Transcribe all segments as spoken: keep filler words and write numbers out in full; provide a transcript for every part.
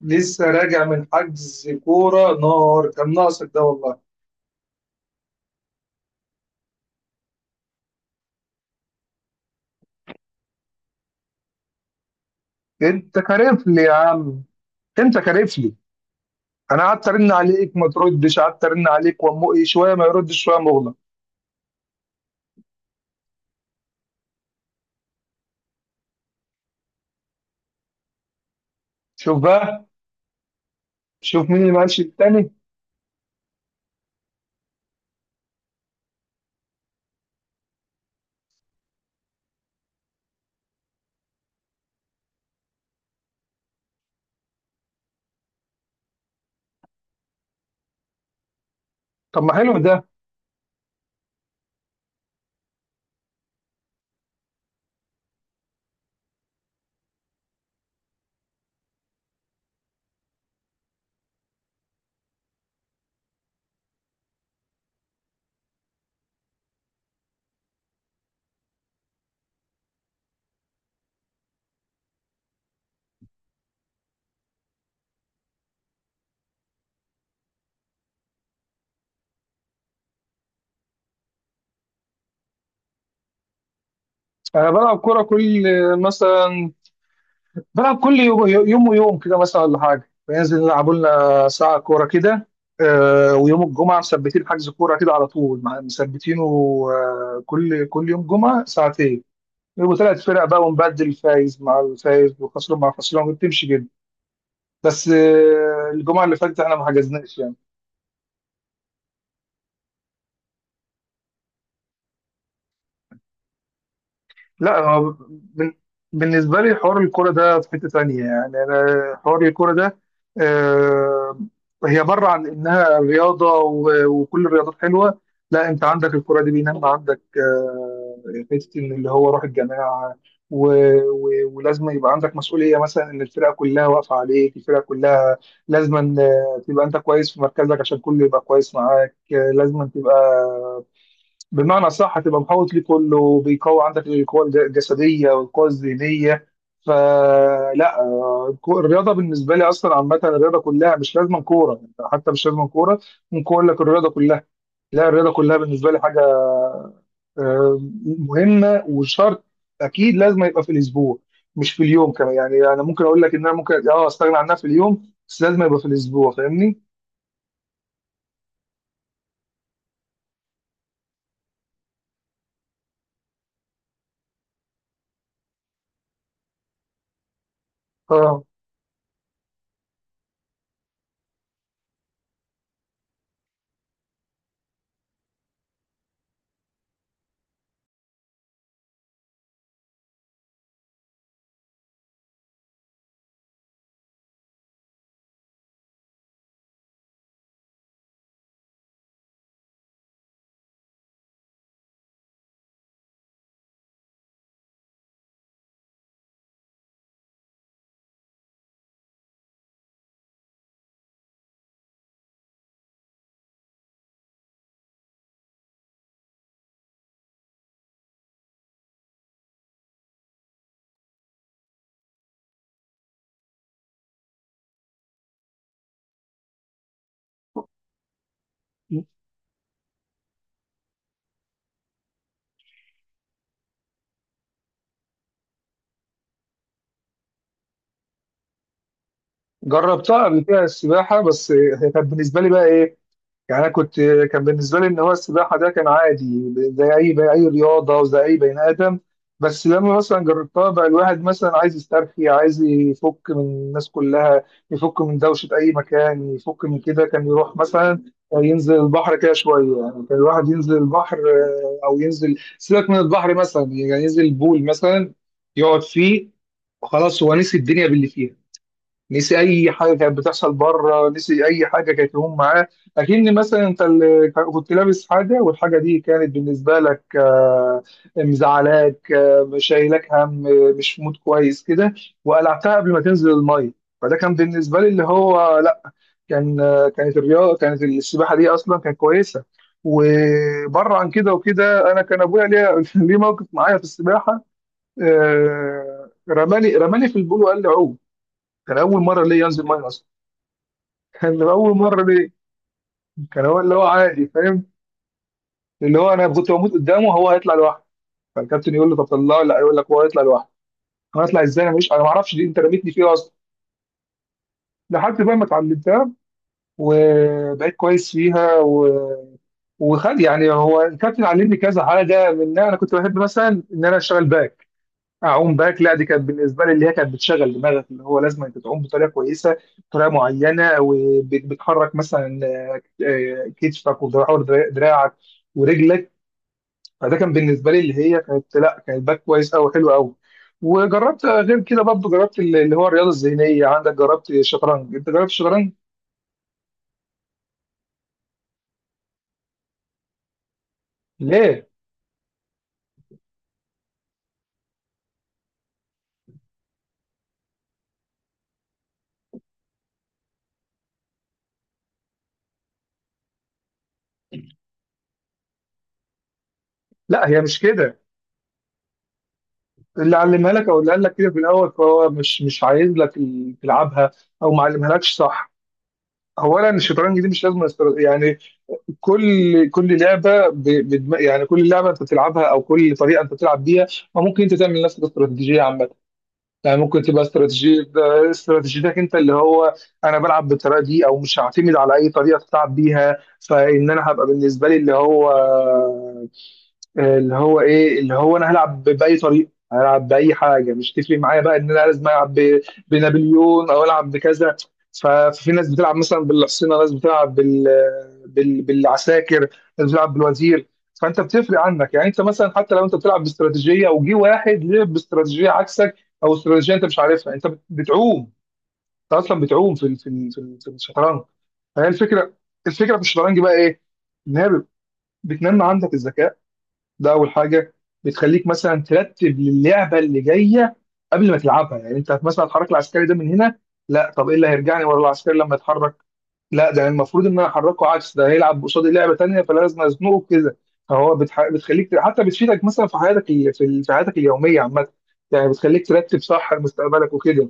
لسه راجع من حجز كورة نار. كان ناقصك ده والله. انت كارف لي يا عم، انت كارف لي. انا قعدت ارن عليك ما تردش، قعدت ارن عليك وامو ايه، شويه ما يردش شويه مغلق. شوف بقى، شوف مين اللي ما قالش التاني. طب ما حلو ده. انا بلعب كوره كل، مثلا بلعب كل يوم، يوم ويوم كده مثلا، ولا حاجه بننزل نلعب لنا ساعه كوره كده. آه، ويوم الجمعه مثبتين حجز كوره كده على طول، مع- مثبتينه. آه، كل كل يوم جمعه ساعتين، وثلاث فرق بقى، ونبدل فايز مع الفايز وخسران مع خسران، وبتمشي كده. بس آه، الجمعه اللي فاتت احنا ما حجزناش يعني. لا هو بن- بالنسبة لي حوار الكرة ده في حتة تانية، يعني أنا حوار الكرة ده آه، هي بره عن إنها رياضة و- وكل الرياضات حلوة. لا، أنت عندك الكرة دي بينما عندك آه، حتة إن اللي هو روح الجماعة. و... و... ولازم يبقى عندك مسؤولية، مثلا إن الفرقة كلها واقفة عليك، الفرقة كلها لازم تبقى أنت كويس في مركزك عشان كله يبقى كويس معاك. آه، لازم تبقى بمعنى صح، هتبقى محوط ليه كله بيقوي عندك القوة الج- الجسدية والقوة الذهنية. فلا آه، الكو- الرياضة بالنسبة لي أصلا، عامة الرياضة كلها مش لازم كورة، يعني حتى مش لازم كورة، ممكن أقول لك الرياضة كلها. لا، الرياضة كلها بالنسبة لي حاجة آه، مهمة وشرط. أكيد لازم يبقى في الأسبوع، مش في اليوم كمان، يعني أنا ممكن أقول لك إن أنا ممكن أه أستغنى عنها في اليوم، بس لازم يبقى في الأسبوع. فاهمني؟ أه جربتها قبل كده السباحة، بس هي كانت بالنسبة لي بقى إيه. يعني انا كنت، كان بالنسبه لي ان هو السباحه ده كان عادي زي اي، زي اي رياضه، وزي اي بني ادم. بس لما مثلا جربتها بقى، الواحد مثلا عايز يسترخي، عايز يفك من الناس كلها، يفك من دوشه، اي مكان يفك من كده، كان يروح مثلا ينزل البحر كده شويه. يعني كان الواحد ينزل البحر آه، او ينزل، سيبك من البحر مثلا، يعني ينزل البول مثلا، يقعد فيه وخلاص، هو نسي الدنيا باللي فيها. نسي اي حاجه كانت بتحصل بره، نسي اي حاجه كانت لهم معاه. اكن مثلا انت اللي كان- كنت لابس حاجه، والحاجه دي كانت بالنسبه لك آه، مزعلاك، آه، شايلك هم، آه، مش في مود كويس كده، وقلعتها قبل ما تنزل الميه. فده كان بالنسبه لي اللي هو، لا كان آه، كانت الرياضه، كانت السباحه دي اصلا كانت كويسه. وبره عن كده وكده، انا كان ابويا ليه ليه موقف معايا في السباحه. آه، رماني رماني في البول وقال لي عوم. كان اول مره ليا انزل ميه اصلا، كان بيبقى اول مره ليه. كان هو اللي هو عادي فاهم. اللي هو انا كنت بموت قدامه، هو هيطلع لوحده. فالكابتن يقول له طب طلعه، لا يقول لك هو هيطلع لوحده. انا هطلع ازاي؟ انا مش، انا ما اعرفش دي، انت رميتني فيها اصلا. لحد بقى ما اتعلمتها وبقيت كويس فيها و... وخد. يعني هو الكابتن علمني كذا حاجه، منها انا كنت بحب مثلا ان انا اشتغل باك، اعوم باك. لا دي كانت بالنسبه لي اللي هي كانت بتشغل دماغك، اللي هو لازم انت تعوم بطريقه كويسه، بطريقه معينه، وبتحرك مثلا آه، آه، كتفك ودراعك ودراعك ورجلك. فده كان بالنسبه لي اللي هي كانت، لا كانت باك كويس قوي، حلو قوي. وجربت غير كده برضه، جربت اللي اللي هو الرياضه الذهنيه. عندك جربت الشطرنج؟ انت جربت الشطرنج؟ ليه؟ لا هي مش كده. اللي علمها لك او اللي قال لك كده في الاول فهو مش مش عايز لك ال- تلعبها، او ما علمها لكش صح. اولا الشطرنج دي مش لازم استر- يعني كل كل لعبه ب... بدم... يعني كل لعبه انت بتلعبها او كل طريقه انت بتلعب بيها، ما ممكن انت تعمل نفس الاستراتيجيه عامه. يعني ممكن تبقى استراتيجية، استراتيجيتك انت اللي هو انا بلعب بالطريقه دي، او مش هعتمد على اي طريقه تلعب بيها. فان انا هبقى بالنسبه لي اللي هو، اللي هو ايه، اللي هو انا هلعب باي طريقه، هلعب باي حاجه، مش تفرق معايا بقى ان انا لازم العب ب- بنابليون او العب بكذا. ف- ففي ناس بتلعب مثلا بالحصينه، ناس بتلعب بال... بال... بالعساكر، ناس بتلعب بالوزير. فانت بتفرق عنك، يعني انت مثلا حتى لو انت بتلعب باستراتيجيه وجي واحد لعب باستراتيجيه عكسك، او استراتيجيه انت مش عارفها، انت بت- بتعوم. انت اصلا بتعوم في ال- في ال- في ال- في الشطرنج. فهي الفكره. الفكره في الشطرنج بقى ايه؟ ان هي بتنمي عندك الذكاء، ده اول حاجه. بتخليك مثلا ترتب للعبه اللي جايه قبل ما تلعبها. يعني انت مثلا هتحرك العسكري ده من هنا، لا طب ايه اللي هيرجعني ورا العسكري لما يتحرك، لا ده المفروض ان انا احركه عكس ده، هيلعب قصادي لعبه تانيه فلازم ازنقه كده. فهو بتح... بتخليك، حتى بتفيدك مثلا في حياتك ال- في ال- في حياتك اليوميه عامه. يعني بتخليك ترتب صح مستقبلك وكده.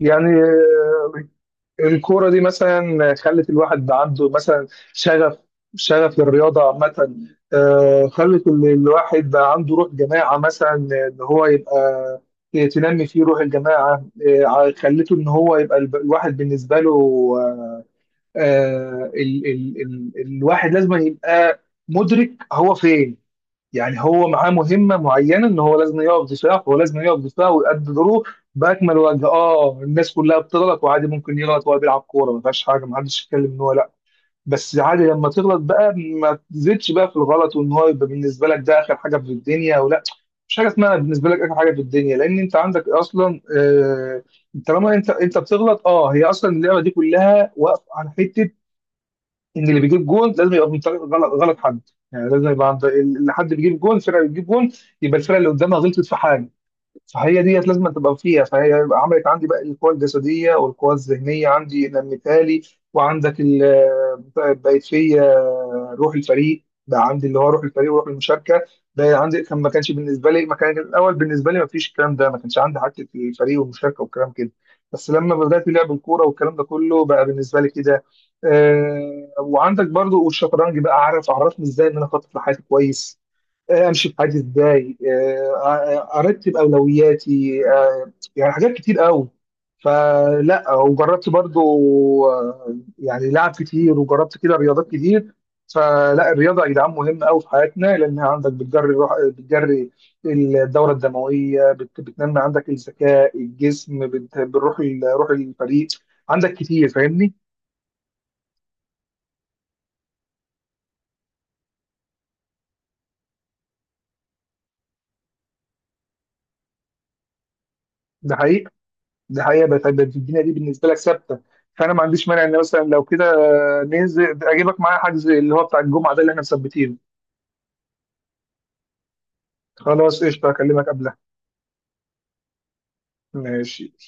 يعني الكورة دي مثلا خلت الواحد عنده مثلا شغف، شغف للرياضة عامة. آه، خلت ال- الواحد بقى عنده روح جماعة مثلا، إن هو يبقى تنمي فيه روح الجماعة. آه، ع- خلته إن هو يبقى الب- الواحد بالنسبة له آه، ال ال ال الواحد لازم يبقى مدرك هو فين. يعني هو معاه مهمه معينه ان هو لازم يقف دفاع، هو لازم يقف دفاع ويأدي دوره باكمل وجه. اه الناس كلها بتغلط وعادي، ممكن يغلط وهو بيلعب كوره، ما فيهاش حاجه، ما حدش يتكلم ان هو لا. بس عادي لما تغلط بقى ما تزيدش بقى في الغلط، وان هو يبقى بالنسبه لك ده اخر حاجه في الدنيا ولا، مش حاجه اسمها بالنسبه لك اخر حاجه في الدنيا، لان انت عندك اصلا آه طالما انت انت بتغلط اه هي اصلا اللعبه دي كلها واقفه على حته، ان اللي بيجيب جون لازم يبقى من طريق غلط، غلط حد. يعني لازم يبقى عند اللي حد بيجيب جون، الفرقه اللي بتجيب جون يبقى الفرقه اللي قدامها غلطت في حاجه. فهي ديت لازم تبقى فيها. فهي عملت عندي بقى القوى الجسديه والقوى الذهنيه، عندي انا مثالي. وعندك ال- بقت فيا روح الفريق بقى عندي، اللي هو روح الفريق وروح المشاركه، بقى عندي. كان ما كانش بالنسبه لي، ما كان الاول بالنسبه لي ما فيش الكلام ده. ما كانش عندي حته الفريق والمشاركه والكلام كده، بس لما بدات لعب الكوره والكلام ده كله بقى بالنسبه لي كده. آه وعندك برضو، والشطرنج بقى عارف، عرفني ازاي ان انا اخطط لحياتي كويس، آه، امشي في حياتي ازاي، آه، آه، ارتب اولوياتي، آه، يعني حاجات كتير قوي. فلا وجربت برضو آه، يعني لعب كتير، وجربت كده رياضات كتير. فلا الرياضه يا جدعان مهمه قوي في حياتنا، لانها عندك بتجري الروح، بتجري الدوره الدمويه، بت- بتنمي عندك الذكاء، الجسم بت- بتروح ال- روح الفريق عندك كتير. فاهمني؟ ده حقيقه، ده حقيقه، بت- بت- الدنيا دي بالنسبه لك ثابته. فانا ما عنديش مانع ان مثلا لو كده ننزل، اجيبك معايا حجز اللي هو بتاع الجمعه ده اللي احنا مثبتينه. خلاص قشطه، اكلمك قبلها. ماشي.